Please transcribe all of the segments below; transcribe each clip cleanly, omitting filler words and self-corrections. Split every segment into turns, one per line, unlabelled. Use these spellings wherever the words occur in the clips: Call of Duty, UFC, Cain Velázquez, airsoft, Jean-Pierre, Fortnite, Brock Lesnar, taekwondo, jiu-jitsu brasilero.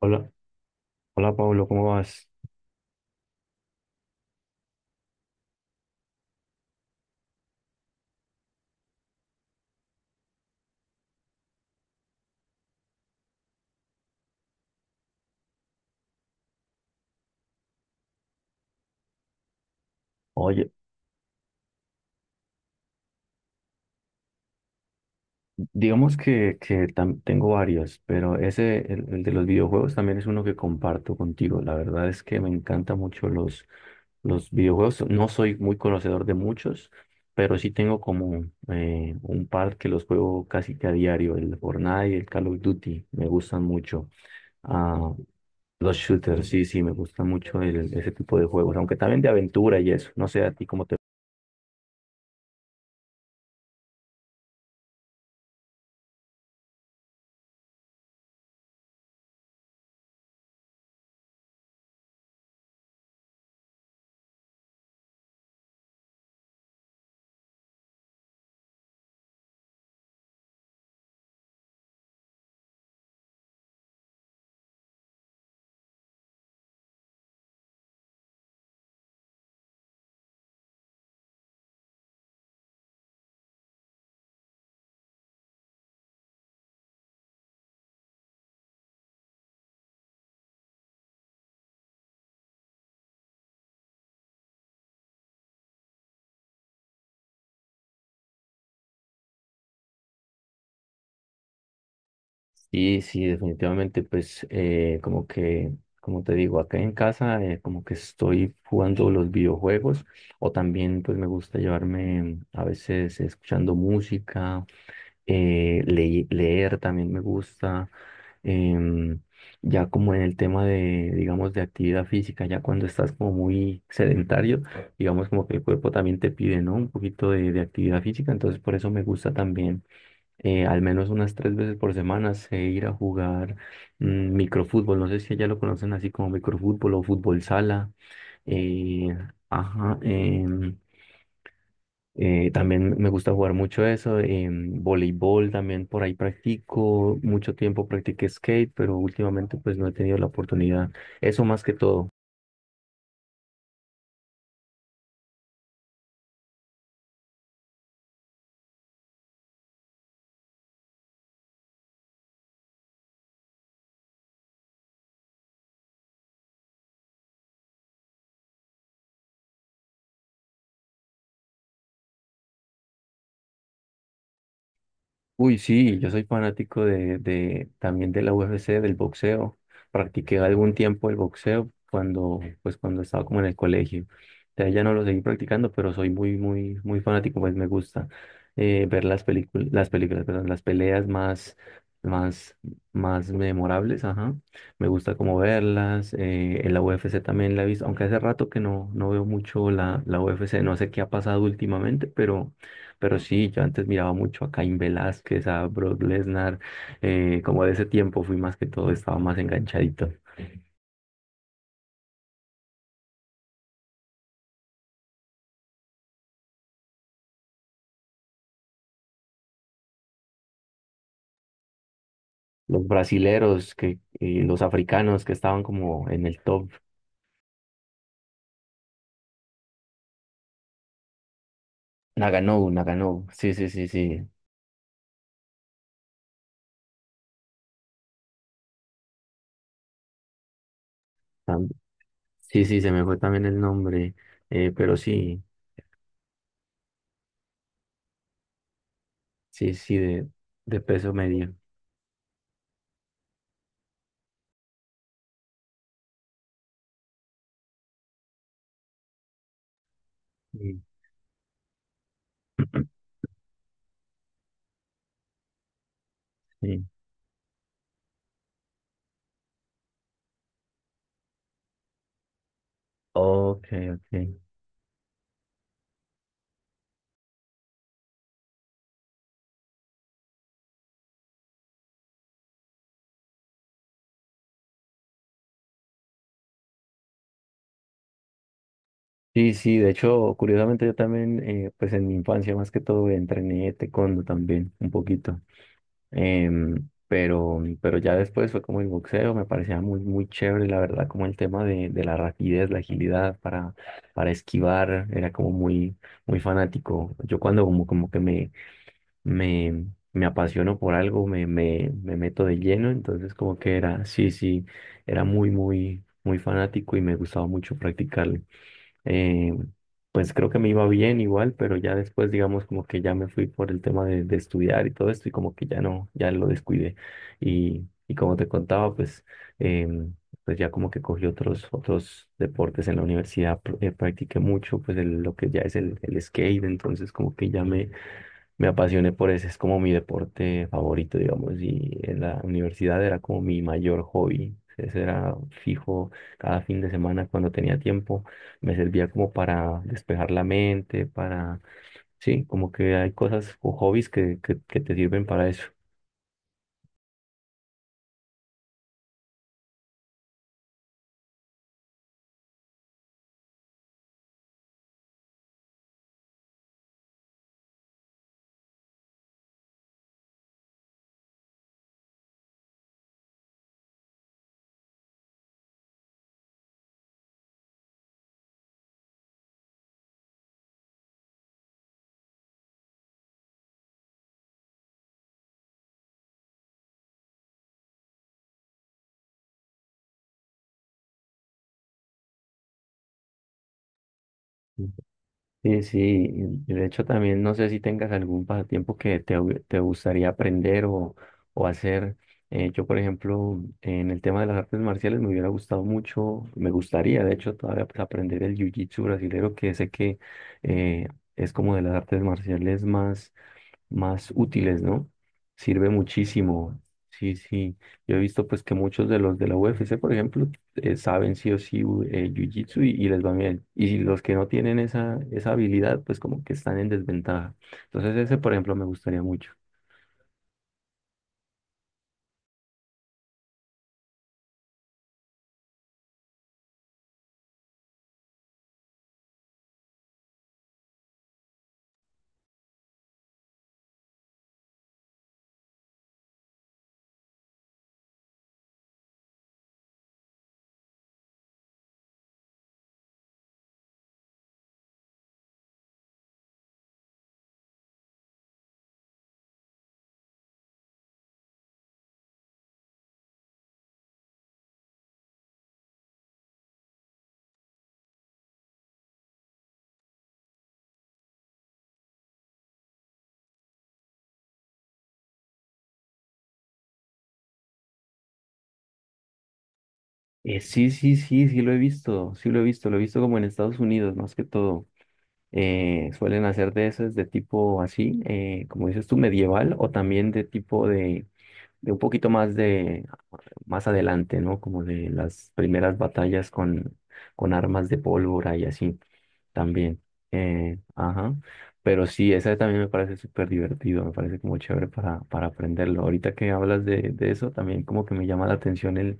Hola, hola Pablo, ¿cómo vas? Oye, digamos que tengo varios, pero ese, el de los videojuegos también es uno que comparto contigo. La verdad es que me encantan mucho los videojuegos. No soy muy conocedor de muchos, pero sí tengo como un par que los juego casi que a diario, el Fortnite y el Call of Duty. Me gustan mucho. Ah, los shooters, sí, sí, me gustan mucho ese tipo de juegos, aunque también de aventura y eso. No sé a ti cómo te Y sí, definitivamente, pues como te digo, acá en casa como que estoy jugando los videojuegos o también pues me gusta llevarme a veces escuchando música, leer también me gusta, em, ya como en el tema de, digamos, de actividad física, ya cuando estás como muy sedentario, digamos como que el cuerpo también te pide, ¿no? Un poquito de actividad física, entonces por eso me gusta también al menos unas tres veces por semana sé ir a jugar mm, microfútbol. No sé si allá lo conocen así como microfútbol o fútbol sala. Eh, ajá, también me gusta jugar mucho eso. Voleibol también por ahí practico. Mucho tiempo practiqué skate, pero últimamente pues no he tenido la oportunidad. Eso más que todo. Uy, sí, yo soy fanático de también de la UFC, del boxeo. Practiqué algún tiempo el boxeo cuando, pues, cuando estaba como en el colegio. De ahí ya no lo seguí practicando, pero soy muy, muy, muy fanático, pues me gusta ver las películas, perdón, las peleas más, más, más memorables, ajá. Me gusta como verlas. En la UFC también la he visto, aunque hace rato que no, no veo mucho la UFC, no sé qué ha pasado últimamente, pero sí, yo antes miraba mucho a Cain Velázquez, a Brock Lesnar, como de ese tiempo fui más que todo, estaba más enganchadito. Los brasileros, que, y los africanos que estaban como en el top. Nagano, Nagano, sí, sí, sí, sí. Tam- Sí, sí, se me fue también el nombre, pero sí, sí, sí, de peso medio. Sí. Sí. Ok, ok. Sí, sí, de hecho, curiosamente yo también, pues en mi infancia más que todo entrené taekwondo también, un poquito. Pero ya después fue como el boxeo, me parecía muy, muy chévere, la verdad, como el tema de la rapidez, la agilidad para esquivar, era como muy, muy fanático. Yo cuando como, como que me, me apasiono por algo, me meto de lleno, entonces como que era, sí, sí, era muy, muy, muy fanático y me gustaba mucho practicarlo eh, pues creo que me iba bien igual, pero ya después, digamos, como que ya me fui por el tema de estudiar y todo esto, y como que ya no, ya lo descuidé. Y como te contaba, em, pues ya como que cogí otros, otros deportes en la universidad, practiqué mucho, pues el- lo que ya es el skate, entonces como que ya me apasioné por ese, es como mi deporte favorito, digamos, y en la universidad era como mi mayor hobby. Ese era fijo cada fin de semana cuando tenía tiempo, me servía como para despejar la mente, para, sí, como que hay cosas o hobbies que te sirven para eso. Sí, sí, y de hecho también no sé si tengas algún pasatiempo que te gustaría aprender o hacer. Yo, por ejemplo, en el tema de las artes marciales me hubiera gustado mucho, me gustaría, de hecho, todavía pues, aprender el jiu-jitsu brasilero, que sé que eh, es como de las artes marciales más más útiles, ¿no? Sirve muchísimo. Sí, sí. Yo he visto pues que muchos de los de la UFC, por ejemplo, saben sí o sí u- Jiu-Jitsu y les va bien. Y si los que no tienen esa, esa habilidad, pues como que están en desventaja. Entonces ese, por ejemplo, me gustaría mucho. Sí, sí, sí, sí lo he visto, sí lo he visto como en Estados Unidos, más que todo. Suelen hacer de esas de tipo así, como dices tú, medieval o también de tipo de un poquito más de más adelante, ¿no? Como de las primeras batallas con armas de pólvora y así también. Ajá. Pero sí, esa también me parece súper divertido, me parece como chévere para aprenderlo. Ahorita que hablas de eso, también como que me llama la atención el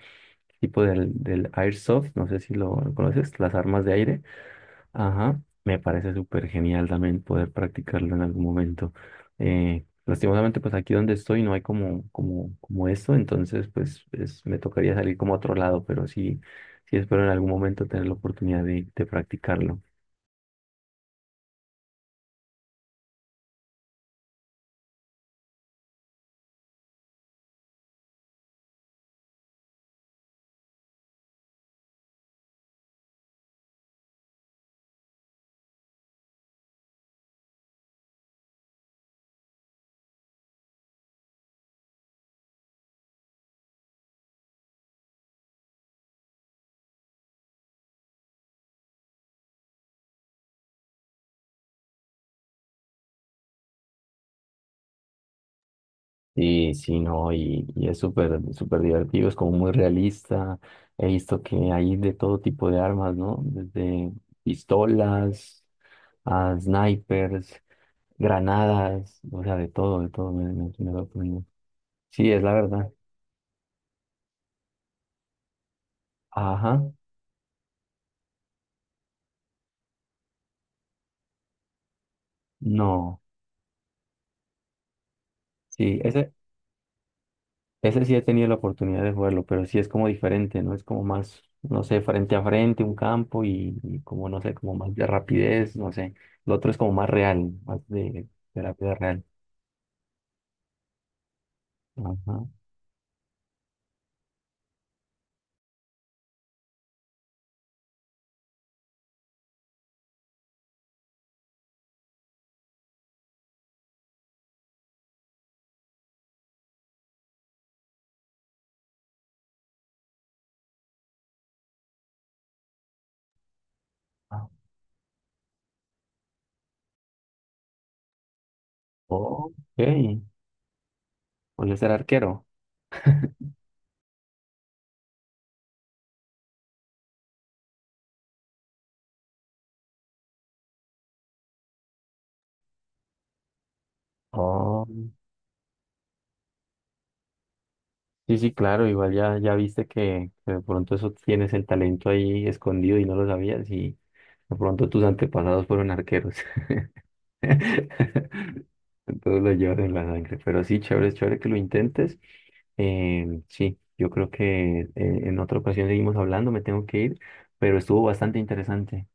tipo del, del airsoft, no sé si lo conoces, las armas de aire. Ajá, me parece súper genial también poder practicarlo en algún momento. Lastimosamente, pues aquí donde estoy no hay como esto, entonces pues me tocaría salir como a otro lado, pero sí, sí espero en algún momento tener la oportunidad de practicarlo. Y sí, no, y es súper, súper divertido, es como muy realista. He visto que hay de todo tipo de armas, ¿no? Desde pistolas a snipers, granadas, o sea, de todo, me sorprendió. Sí, es la verdad. Ajá, no. Sí, ese sí he tenido la oportunidad de jugarlo, pero sí es como diferente, ¿no? Es como más, no sé, frente a frente, un campo y como, no sé, como más de rapidez, no sé. El otro es como más real, más de terapia real. Ajá. Ah, ok, voy ser arquero. Oh, sí, sí, claro, igual ya, ya viste que de pronto eso tienes el talento ahí escondido y no lo sabías y de pronto tus antepasados fueron arqueros. Todo lo llevas en la sangre, pero sí, chévere, chévere que lo intentes. Em, sí, yo creo que en otra ocasión seguimos hablando, me tengo que ir, pero estuvo bastante interesante.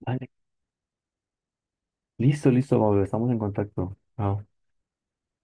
Vale. Listo, listo, Pablo, estamos en contacto. Chao.